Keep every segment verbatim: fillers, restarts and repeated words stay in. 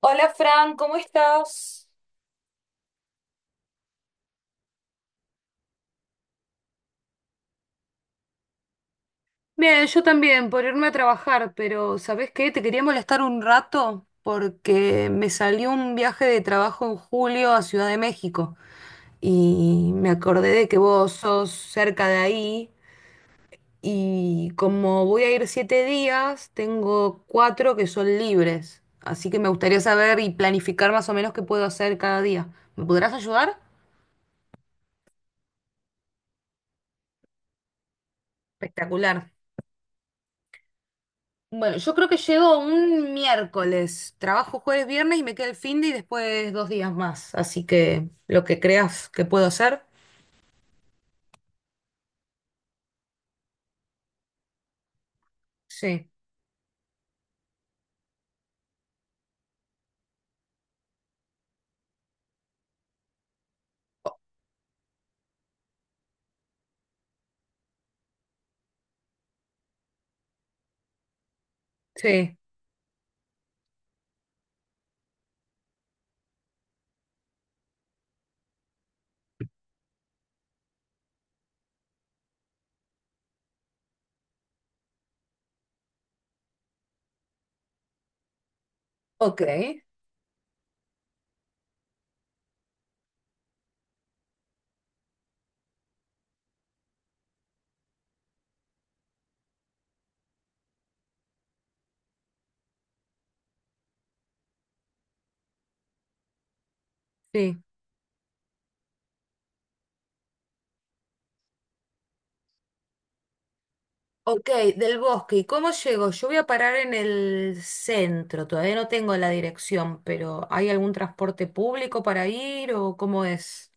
Hola Fran, ¿cómo estás? Bien, yo también, por irme a trabajar, pero ¿sabés qué? Te quería molestar un rato porque me salió un viaje de trabajo en julio a Ciudad de México y me acordé de que vos sos cerca de ahí y como voy a ir siete días, tengo cuatro que son libres, así que me gustaría saber y planificar más o menos qué puedo hacer cada día. ¿Me podrás ayudar? Espectacular. Bueno, yo creo que llego un miércoles. Trabajo jueves, viernes y me queda el fin de y después dos días más. Así que lo que creas que puedo hacer. Sí, sí. Ok, sí. Ok, del bosque. ¿Y cómo llego? Yo voy a parar en el centro. Todavía no tengo la dirección, pero ¿hay algún transporte público para ir o cómo es?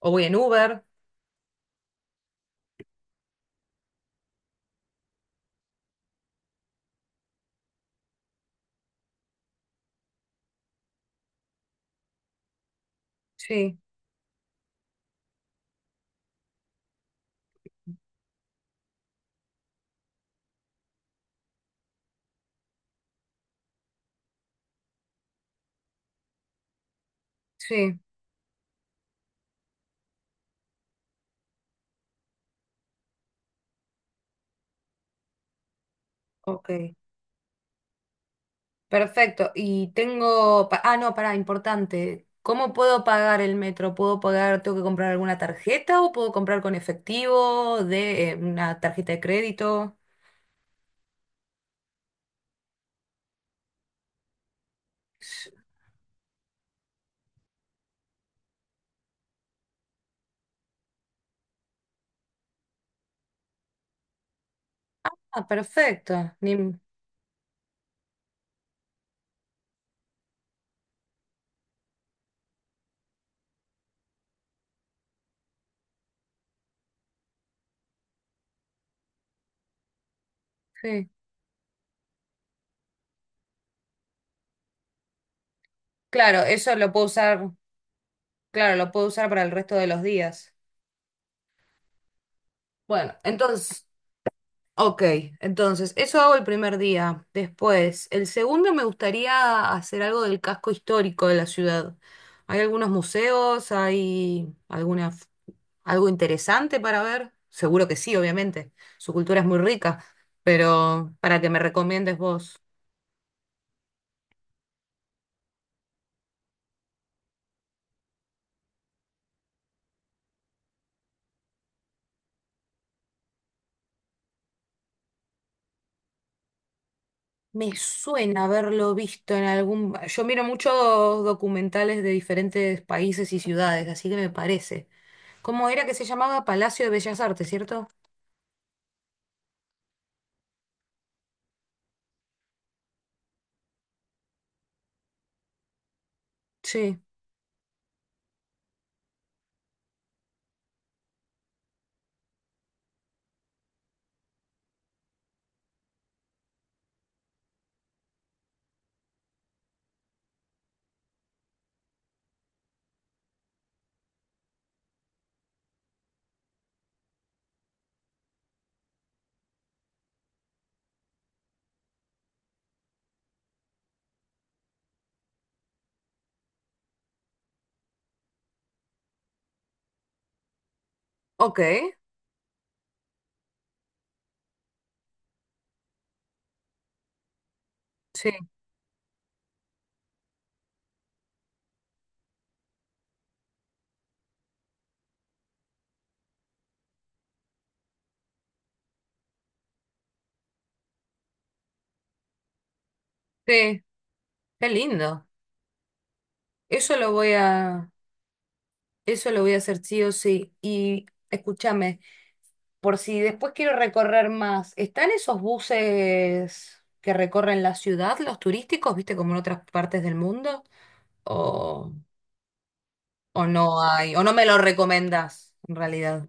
¿O voy en Uber? Sí, sí. Ok. Perfecto. Y tengo... pa- Ah, no, pará, importante. ¿Cómo puedo pagar el metro? ¿Puedo pagar, tengo que comprar alguna tarjeta o puedo comprar con efectivo de eh, una tarjeta de crédito? S- Ah, perfecto. Ni- sí. Claro, eso lo puedo usar, claro, lo puedo usar para el resto de los días. Bueno, entonces, ok, entonces, eso hago el primer día. Después, el segundo me gustaría hacer algo del casco histórico de la ciudad. ¿Hay algunos museos, hay alguna algo interesante para ver? Seguro que sí, obviamente. Su cultura es muy rica, pero para que me recomiendes vos. Me suena haberlo visto en algún... Yo miro muchos documentales de diferentes países y ciudades, así que me parece. ¿Cómo era que se llamaba? Palacio de Bellas Artes, ¿cierto? Sí. Ok. Sí. Sí. Qué lindo. Eso lo voy a... Eso lo voy a hacer sí o sí. Y escúchame, por si después quiero recorrer más, ¿están esos buses que recorren la ciudad, los turísticos, viste, como en otras partes del mundo? ¿O, o no hay? ¿O no me lo recomendás, en realidad?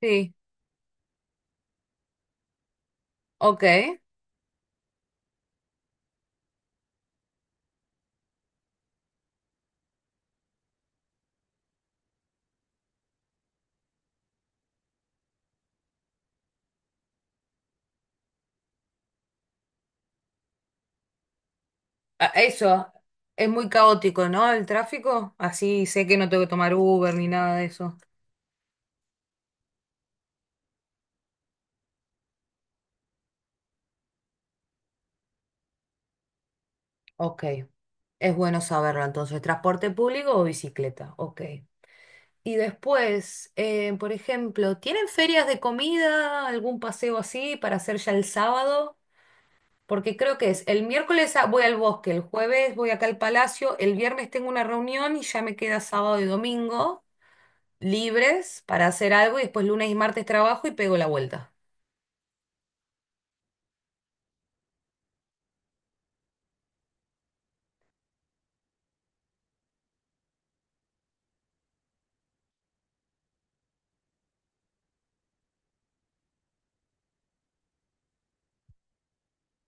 Sí, ok. Ah, eso, es muy caótico, ¿no? El tráfico, así sé que no tengo que tomar Uber ni nada de eso. Ok, es bueno saberlo entonces, ¿transporte público o bicicleta? Ok. Y después, eh, por ejemplo, ¿tienen ferias de comida, algún paseo así para hacer ya el sábado? Porque creo que es el miércoles a- voy al bosque, el jueves voy acá al palacio, el viernes tengo una reunión y ya me queda sábado y domingo libres para hacer algo y después lunes y martes trabajo y pego la vuelta.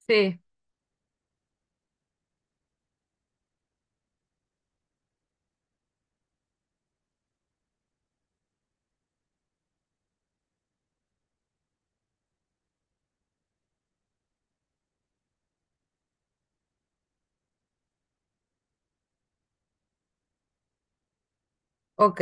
Sí. Ok,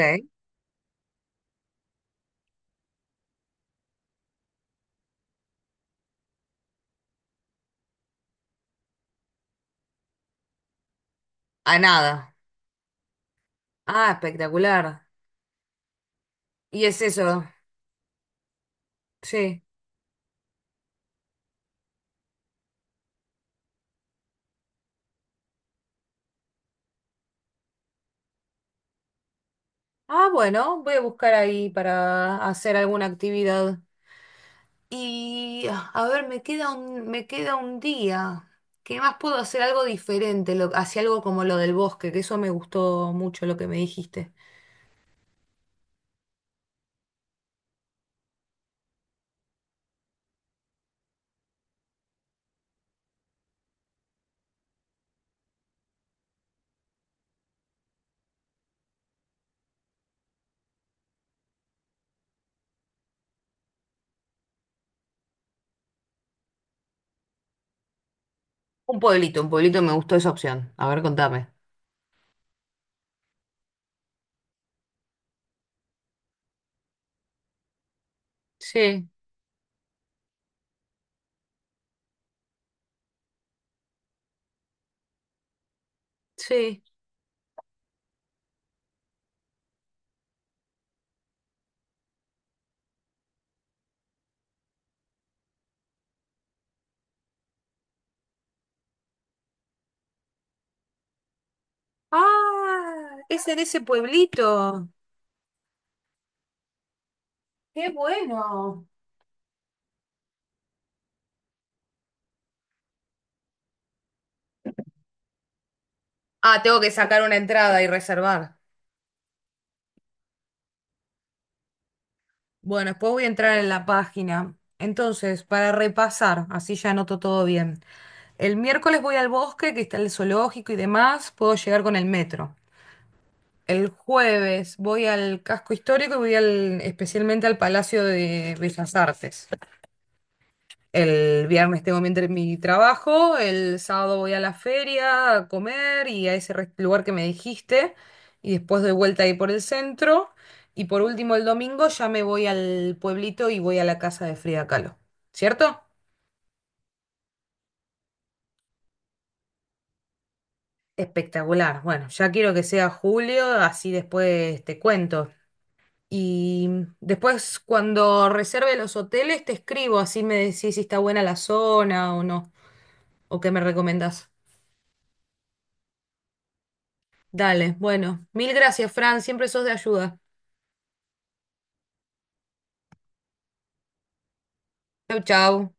a nada. Ah, espectacular. Y es eso, sí. Ah, bueno, voy a buscar ahí para hacer alguna actividad. Y ah, a ver, me queda un, me queda un día. ¿Qué más puedo hacer algo diferente? Lo, hacia algo como lo del bosque, que eso me gustó mucho lo que me dijiste. Un pueblito, un pueblito me gustó esa opción. A ver, contame. Sí, sí. Ah, es en ese pueblito. Qué bueno. Ah, tengo que sacar una entrada y reservar. Bueno, después voy a entrar en la página. Entonces, para repasar, así ya anoto todo bien. El miércoles voy al bosque, que está el zoológico y demás, puedo llegar con el metro. El jueves voy al casco histórico y voy al, especialmente al Palacio de Bellas Artes. El viernes tengo mi, entre- mi trabajo, el sábado voy a la feria a comer y a ese re- lugar que me dijiste, y después doy vuelta ahí por el centro. Y por último, el domingo ya me voy al pueblito y voy a la casa de Frida Kahlo. ¿Cierto? Espectacular. Bueno, ya quiero que sea julio, así después te cuento. Y después cuando reserve los hoteles te escribo, así me decís si está buena la zona o no, o qué me recomendás. Dale, bueno, mil gracias, Fran, siempre sos de ayuda. Chau, chau.